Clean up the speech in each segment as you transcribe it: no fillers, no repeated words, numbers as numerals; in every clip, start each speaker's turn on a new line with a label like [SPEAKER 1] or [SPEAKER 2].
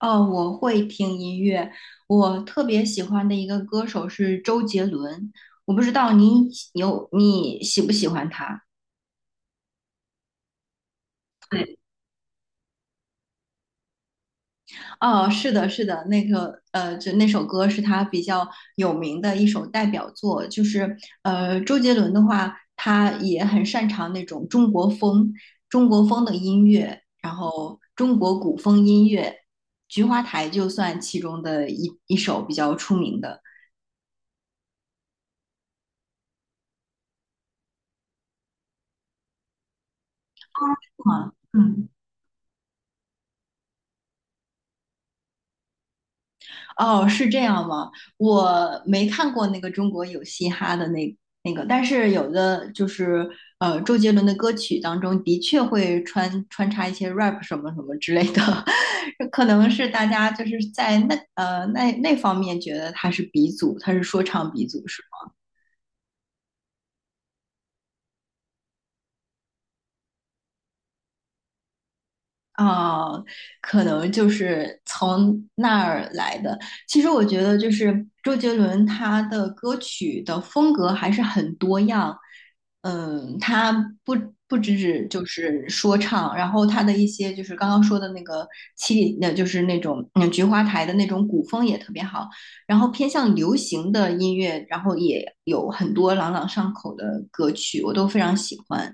[SPEAKER 1] 哦，我会听音乐，我特别喜欢的一个歌手是周杰伦，我不知道你喜不喜欢他？对，哦，是的，是的，那个就那首歌是他比较有名的一首代表作，就是周杰伦的话，他也很擅长那种中国风的音乐，然后中国古风音乐，《菊花台》就算其中的一首比较出名的。啊，嗯。哦，是这样吗？我没看过那个中国有嘻哈的那个，但是有的就是周杰伦的歌曲当中的确会穿插一些 rap 什么什么之类的，可能是大家就是在那方面觉得他是鼻祖，他是说唱鼻祖，是吧？啊，可能就是从那儿来的。其实我觉得，就是周杰伦他的歌曲的风格还是很多样。嗯，他不不只就是说唱，然后他的一些就是刚刚说的那个就是那种菊花台的那种古风也特别好。然后偏向流行的音乐，然后也有很多朗朗上口的歌曲，我都非常喜欢。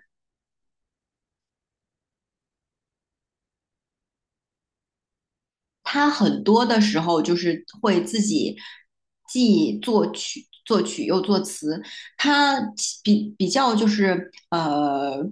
[SPEAKER 1] 他很多的时候就是会自己既作曲又作词，他比较就是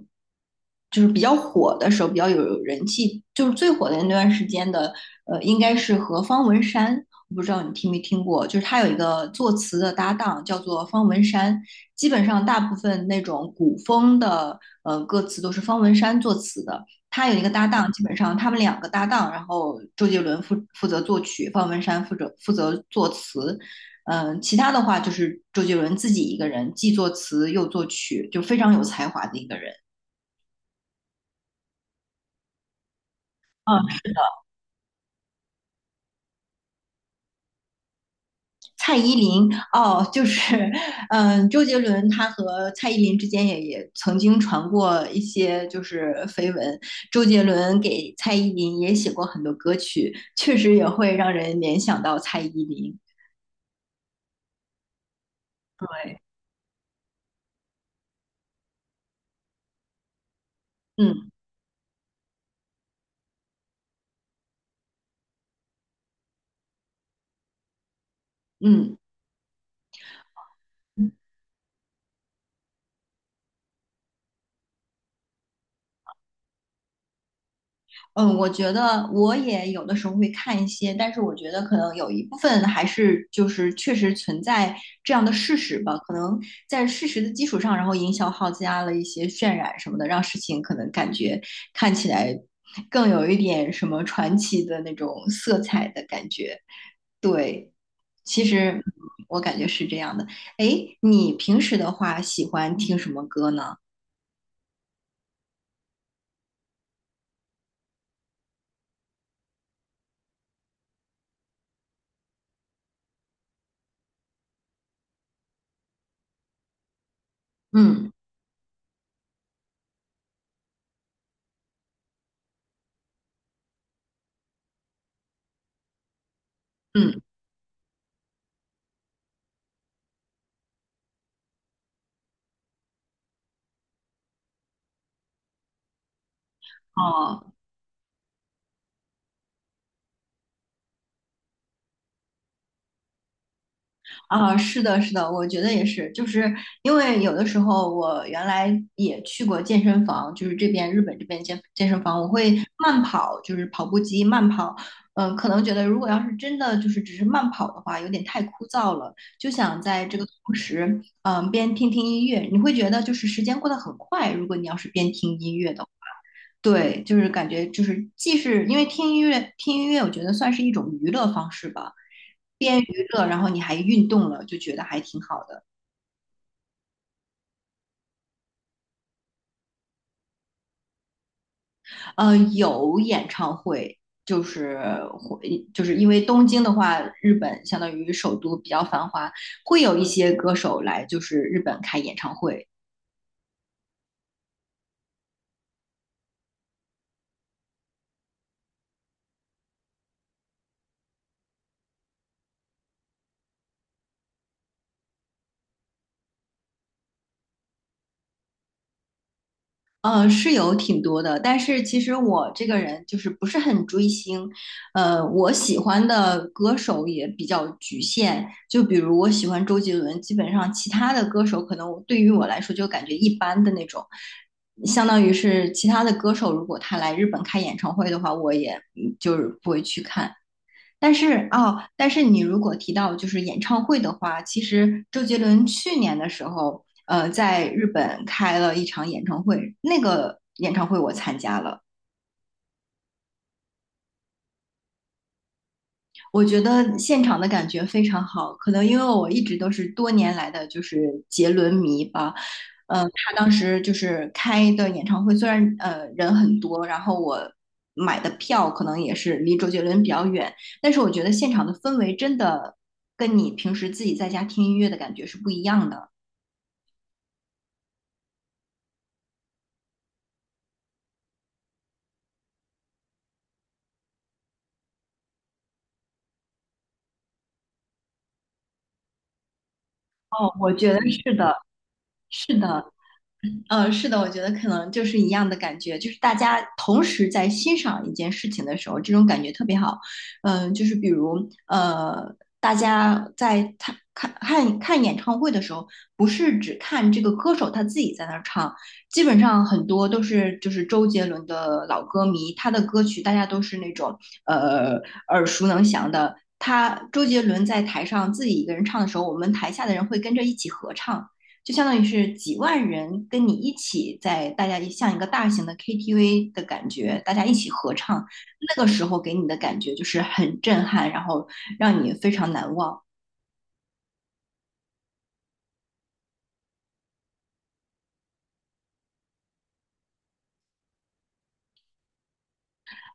[SPEAKER 1] 就是比较火的时候，比较有人气，就是最火的那段时间的，应该是和方文山，我不知道你听没听过，就是他有一个作词的搭档叫做方文山，基本上大部分那种古风的歌词都是方文山作词的，他有一个搭档，基本上他们两个搭档，然后周杰伦负责作曲，方文山负责作词，其他的话就是周杰伦自己一个人，既作词又作曲，就非常有才华的一个人。嗯，蔡依林哦，就是，嗯，周杰伦他和蔡依林之间也曾经传过一些就是绯闻，周杰伦给蔡依林也写过很多歌曲，确实也会让人联想到蔡依林。对，嗯嗯，嗯，我觉得我也有的时候会看一些，但是我觉得可能有一部分还是就是确实存在这样的事实吧，可能在事实的基础上，然后营销号加了一些渲染什么的，让事情可能感觉看起来更有一点什么传奇的那种色彩的感觉。对，其实我感觉是这样的。哎，你平时的话喜欢听什么歌呢？嗯嗯，哦。啊，是的，是的，我觉得也是，就是因为有的时候我原来也去过健身房，就是这边日本这边健身房，我会慢跑，就是跑步机慢跑，可能觉得如果要是真的就是只是慢跑的话，有点太枯燥了，就想在这个同时，边听听音乐，你会觉得就是时间过得很快，如果你要是边听音乐的话。对，就是感觉就是既是因为听音乐，听音乐我觉得算是一种娱乐方式吧，边娱乐然后你还运动了，就觉得还挺好的。有演唱会，就是会就是因为东京的话，日本相当于首都比较繁华，会有一些歌手来就是日本开演唱会。是有挺多的，但是其实我这个人就是不是很追星，我喜欢的歌手也比较局限，就比如我喜欢周杰伦，基本上其他的歌手可能对于我来说就感觉一般的那种，相当于是其他的歌手如果他来日本开演唱会的话，我也就是不会去看。但是你如果提到就是演唱会的话，其实周杰伦去年的时候，在日本开了一场演唱会，那个演唱会我参加了。我觉得现场的感觉非常好，可能因为我一直都是多年来的就是杰伦迷吧。他当时就是开的演唱会，虽然人很多，然后我买的票可能也是离周杰伦比较远，但是我觉得现场的氛围真的跟你平时自己在家听音乐的感觉是不一样的。哦，我觉得是的，是的。是的，我觉得可能就是一样的感觉，就是大家同时在欣赏一件事情的时候，这种感觉特别好。就是比如大家在看演唱会的时候，不是只看这个歌手他自己在那儿唱，基本上很多都是就是周杰伦的老歌迷，他的歌曲大家都是那种呃耳熟能详的。他周杰伦在台上自己一个人唱的时候，我们台下的人会跟着一起合唱，就相当于是几万人跟你一起在大家像一个大型的 KTV 的感觉，大家一起合唱，那个时候给你的感觉就是很震撼，然后让你非常难忘。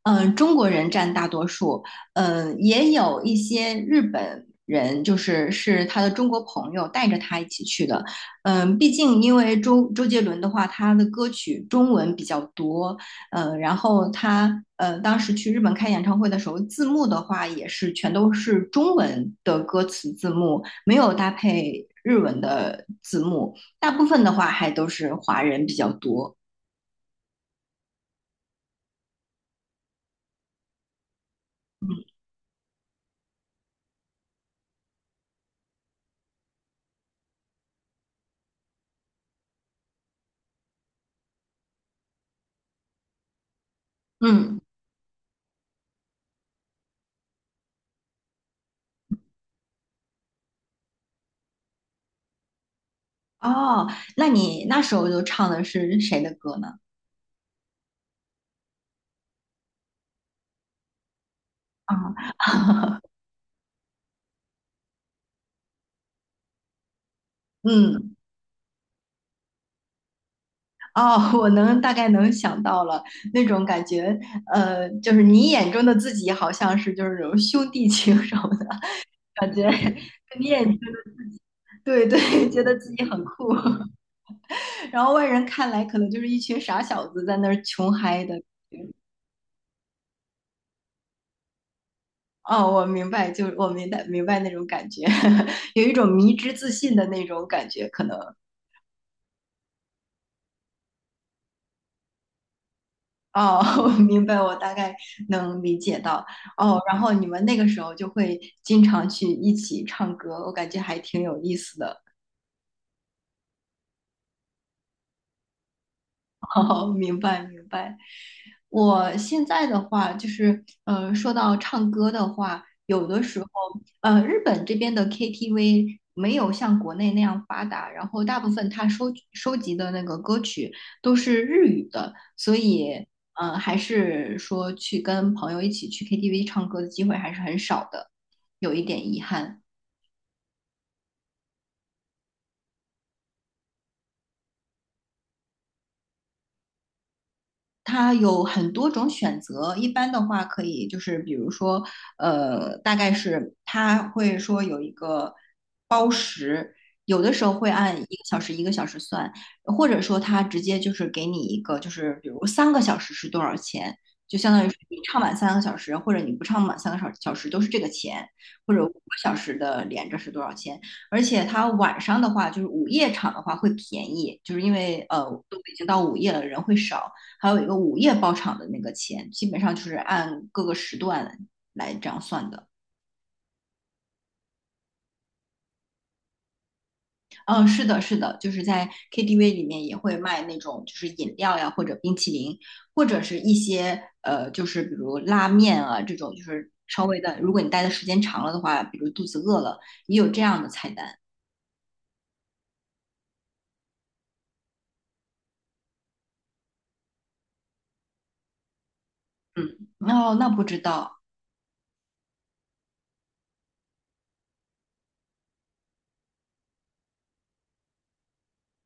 [SPEAKER 1] 嗯，中国人占大多数，嗯，也有一些日本人，就是是他的中国朋友带着他一起去的。毕竟因为周杰伦的话，他的歌曲中文比较多，嗯，然后他当时去日本开演唱会的时候，字幕的话也是全都是中文的歌词字幕，没有搭配日文的字幕，大部分的话还都是华人比较多。嗯嗯。哦，那你那时候都唱的是谁的歌呢？啊，嗯，哦，我能大概能想到了那种感觉，就是你眼中的自己好像是就是那种兄弟情什么的感觉，你眼中的对对，觉得自己很酷，然后外人看来可能就是一群傻小子在那儿穷嗨的。哦，我明白，就我明白那种感觉，有一种迷之自信的那种感觉，可能。哦，我明白，我大概能理解到。哦，然后你们那个时候就会经常去一起唱歌，我感觉还挺有意思的。哦，明白明白。我现在的话，就是说到唱歌的话，有的时候，日本这边的 KTV 没有像国内那样发达，然后大部分他收集的那个歌曲都是日语的，所以还是说去跟朋友一起去 KTV 唱歌的机会还是很少的，有一点遗憾。它有很多种选择，一般的话可以就是比如说，大概是它会说有一个包时，有的时候会按一个小时一个小时算，或者说它直接就是给你一个就是比如三个小时是多少钱，就相当于是你唱满三个小时，或者你不唱满三个小时都是这个钱，或者五个小时的连着是多少钱，而且它晚上的话就是午夜场的话会便宜，就是因为都已经到午夜了，人会少。还有一个午夜包场的那个钱，基本上就是按各个时段来这样算的。嗯，是的，是的，就是在 KTV 里面也会卖那种就是饮料呀，或者冰淇淋，或者是一些就是比如拉面啊这种，就是稍微的，如果你待的时间长了的话，比如肚子饿了，也有这样的菜单。嗯，哦，那不知道。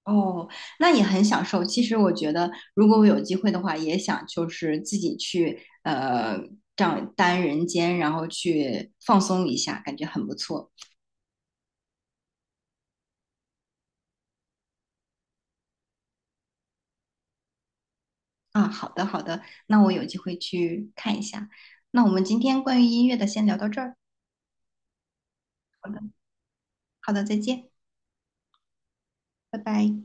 [SPEAKER 1] 哦，那也很享受。其实我觉得，如果我有机会的话，也想就是自己去这样单人间，然后去放松一下，感觉很不错啊。好的，好的，那我有机会去看一下。那我们今天关于音乐的先聊到这儿。好的，好的，再见，拜拜。